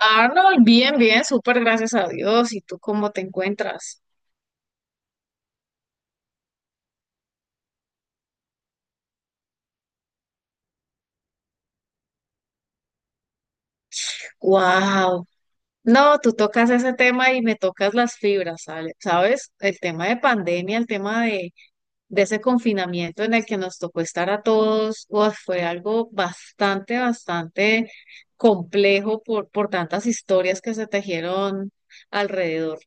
Arnold, bien, bien, súper gracias a Dios. ¿Y tú cómo te encuentras? Wow. No, tú tocas ese tema y me tocas las fibras, ¿sale? ¿Sabes? El tema de pandemia, el tema de ese confinamiento en el que nos tocó estar a todos, uf, fue algo bastante, bastante complejo por tantas historias que se tejieron alrededor.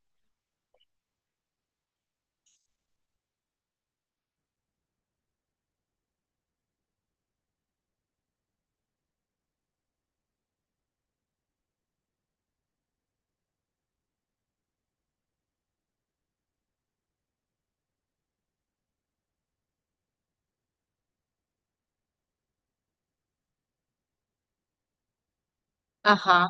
Ajá.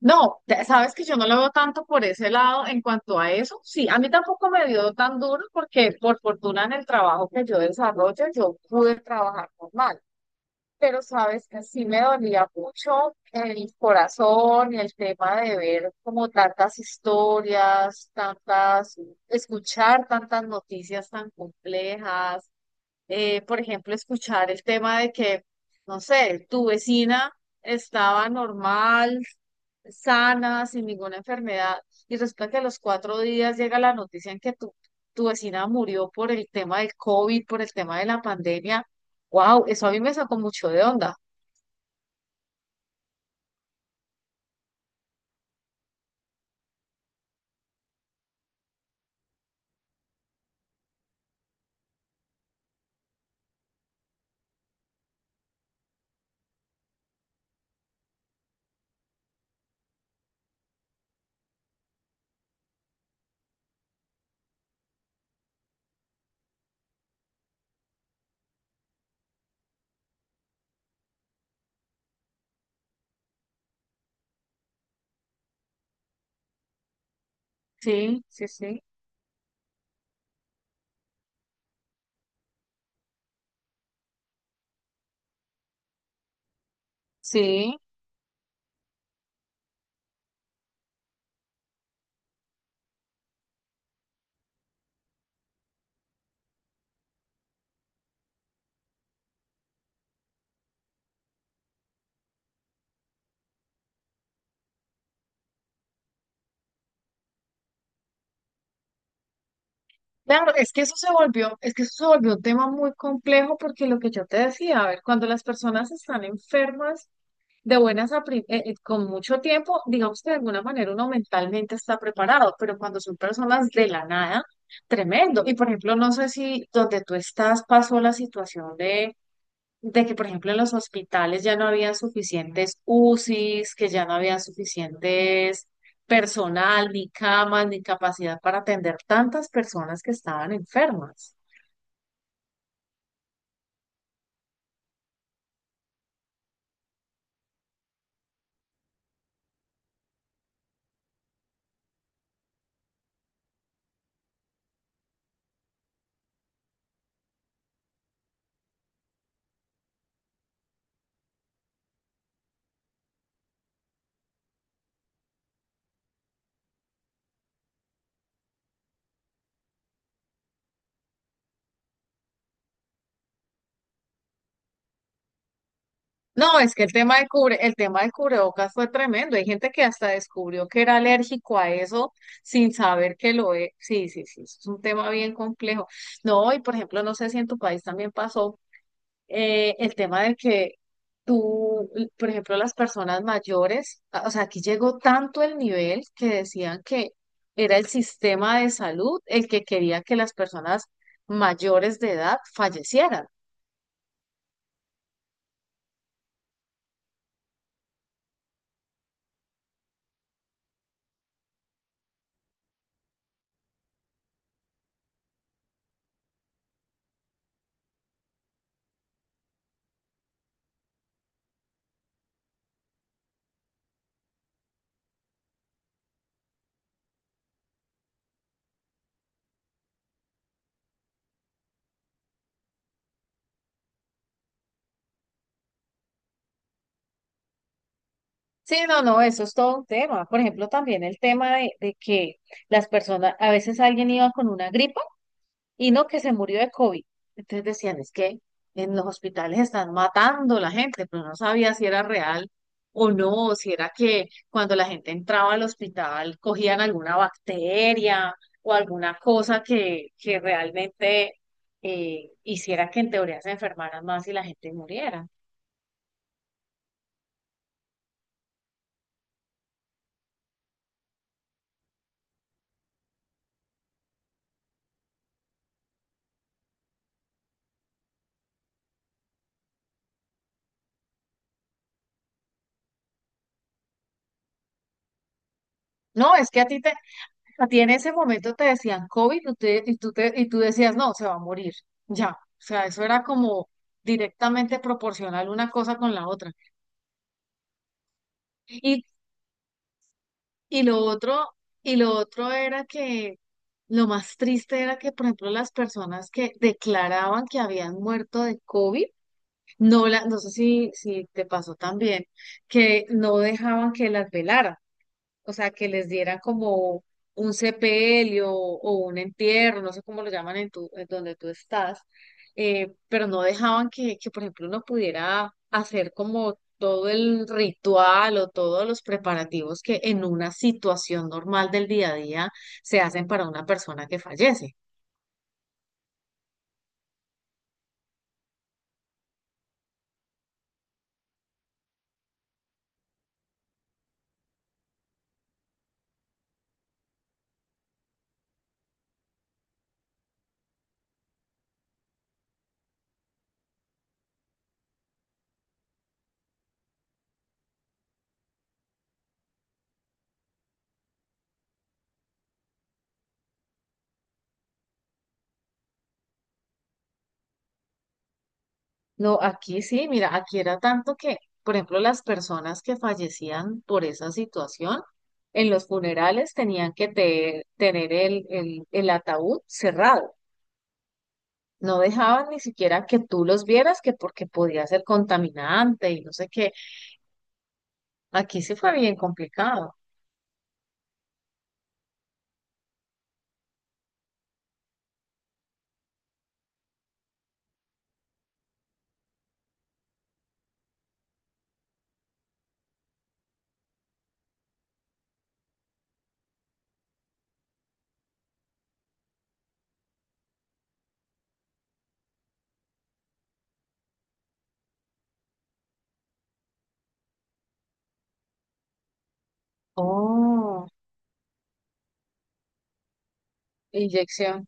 No, sabes que yo no lo veo tanto por ese lado en cuanto a eso. Sí, a mí tampoco me dio tan duro porque por fortuna en el trabajo que yo desarrollo yo pude trabajar normal, pero sabes que sí me dolía mucho el corazón y el tema de ver como tantas historias, tantas, escuchar tantas noticias tan complejas. Por ejemplo, escuchar el tema de que, no sé, tu vecina estaba normal sana, sin ninguna enfermedad, y resulta que a los 4 días llega la noticia en que tu vecina murió por el tema del COVID, por el tema de la pandemia. Wow, eso a mí me sacó mucho de onda. Sí, sí, sí. Sí. Claro, es que eso se volvió un tema muy complejo porque lo que yo te decía, a ver, cuando las personas están enfermas, de buenas a pri- con mucho tiempo, digamos que de alguna manera uno mentalmente está preparado, pero cuando son personas de la nada, tremendo. Y por ejemplo, no sé si donde tú estás pasó la situación de, que, por ejemplo, en los hospitales ya no habían suficientes UCIs, que ya no había suficientes personal, ni camas, ni capacidad para atender tantas personas que estaban enfermas. No, es que el tema del cubrebocas fue tremendo. Hay gente que hasta descubrió que era alérgico a eso sin saber que lo es. Sí, sí, sí, es un tema bien complejo. No, y por ejemplo, no sé si en tu país también pasó el tema de que tú, por ejemplo, las personas mayores, o sea, aquí llegó tanto el nivel que decían que era el sistema de salud el que quería que las personas mayores de edad fallecieran. Sí, no, no, eso es todo un tema. Por ejemplo, también el tema de, que las personas, a veces alguien iba con una gripa y no que se murió de COVID. Entonces decían, es que en los hospitales están matando a la gente, pero no sabía si era real o no, o si era que cuando la gente entraba al hospital cogían alguna bacteria o alguna cosa que realmente hiciera que en teoría se enfermaran más y la gente muriera. No, es que a ti en ese momento te decían COVID y tú decías, no, se va a morir, ya. O sea, eso era como directamente proporcional una cosa con la otra. Y, y lo otro, era que lo más triste era que, por ejemplo, las personas que declaraban que habían muerto de COVID, no, la, no sé si, si te pasó también, que no dejaban que las velaran. O sea, que les diera como un sepelio o un entierro, no sé cómo lo llaman en tu, en donde tú estás, pero no dejaban que, por ejemplo, uno pudiera hacer como todo el ritual o todos los preparativos que en una situación normal del día a día se hacen para una persona que fallece. No, aquí sí, mira, aquí era tanto que, por ejemplo, las personas que fallecían por esa situación, en los funerales tenían que tener el ataúd cerrado. No dejaban ni siquiera que tú los vieras, que porque podía ser contaminante y no sé qué. Aquí sí fue bien complicado. Oh, inyección.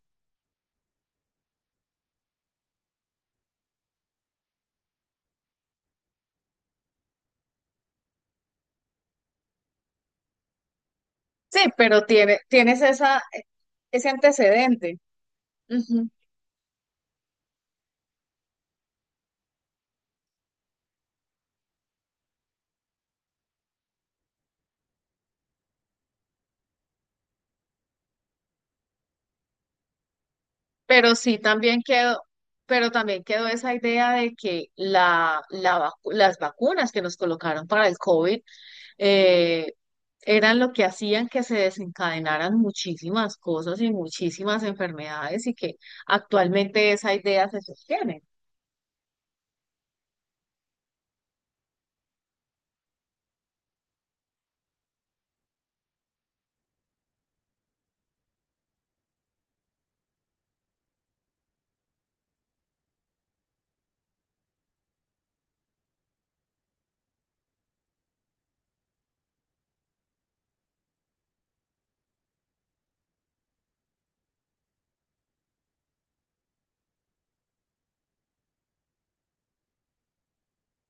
Sí, pero ese antecedente. Ujú. Pero sí también quedó, pero también quedó esa idea de que las vacunas que nos colocaron para el COVID eh, eran lo que hacían que se desencadenaran muchísimas cosas y muchísimas enfermedades y que actualmente esa idea se sostiene.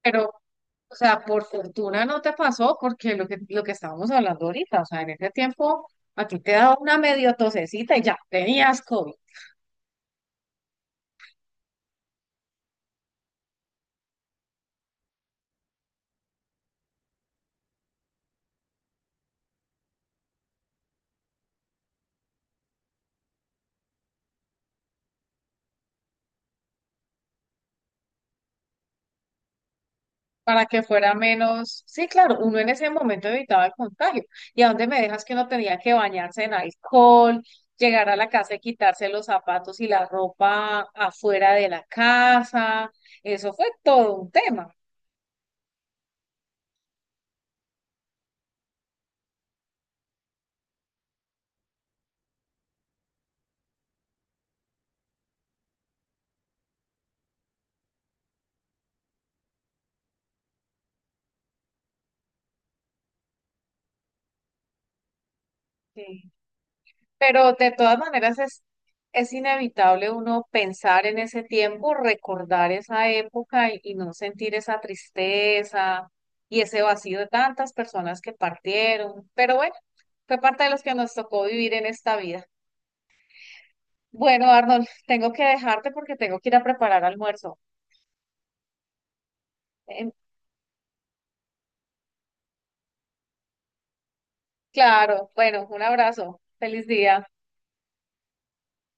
Pero, o sea, por fortuna no te pasó porque lo que estábamos hablando ahorita, o sea, en ese tiempo a ti te daba una medio tosecita y ya tenías COVID. Para que fuera menos, sí, claro, uno en ese momento evitaba el contagio. ¿Y a dónde me dejas que uno tenía que bañarse en alcohol, llegar a la casa y quitarse los zapatos y la ropa afuera de la casa? Eso fue todo un tema. Sí. Pero de todas maneras es inevitable uno pensar en ese tiempo, recordar esa época y no sentir esa tristeza y ese vacío de tantas personas que partieron. Pero bueno, fue parte de los que nos tocó vivir en esta vida. Bueno, Arnold, tengo que dejarte porque tengo que ir a preparar almuerzo. En- claro, bueno, un abrazo. Feliz día.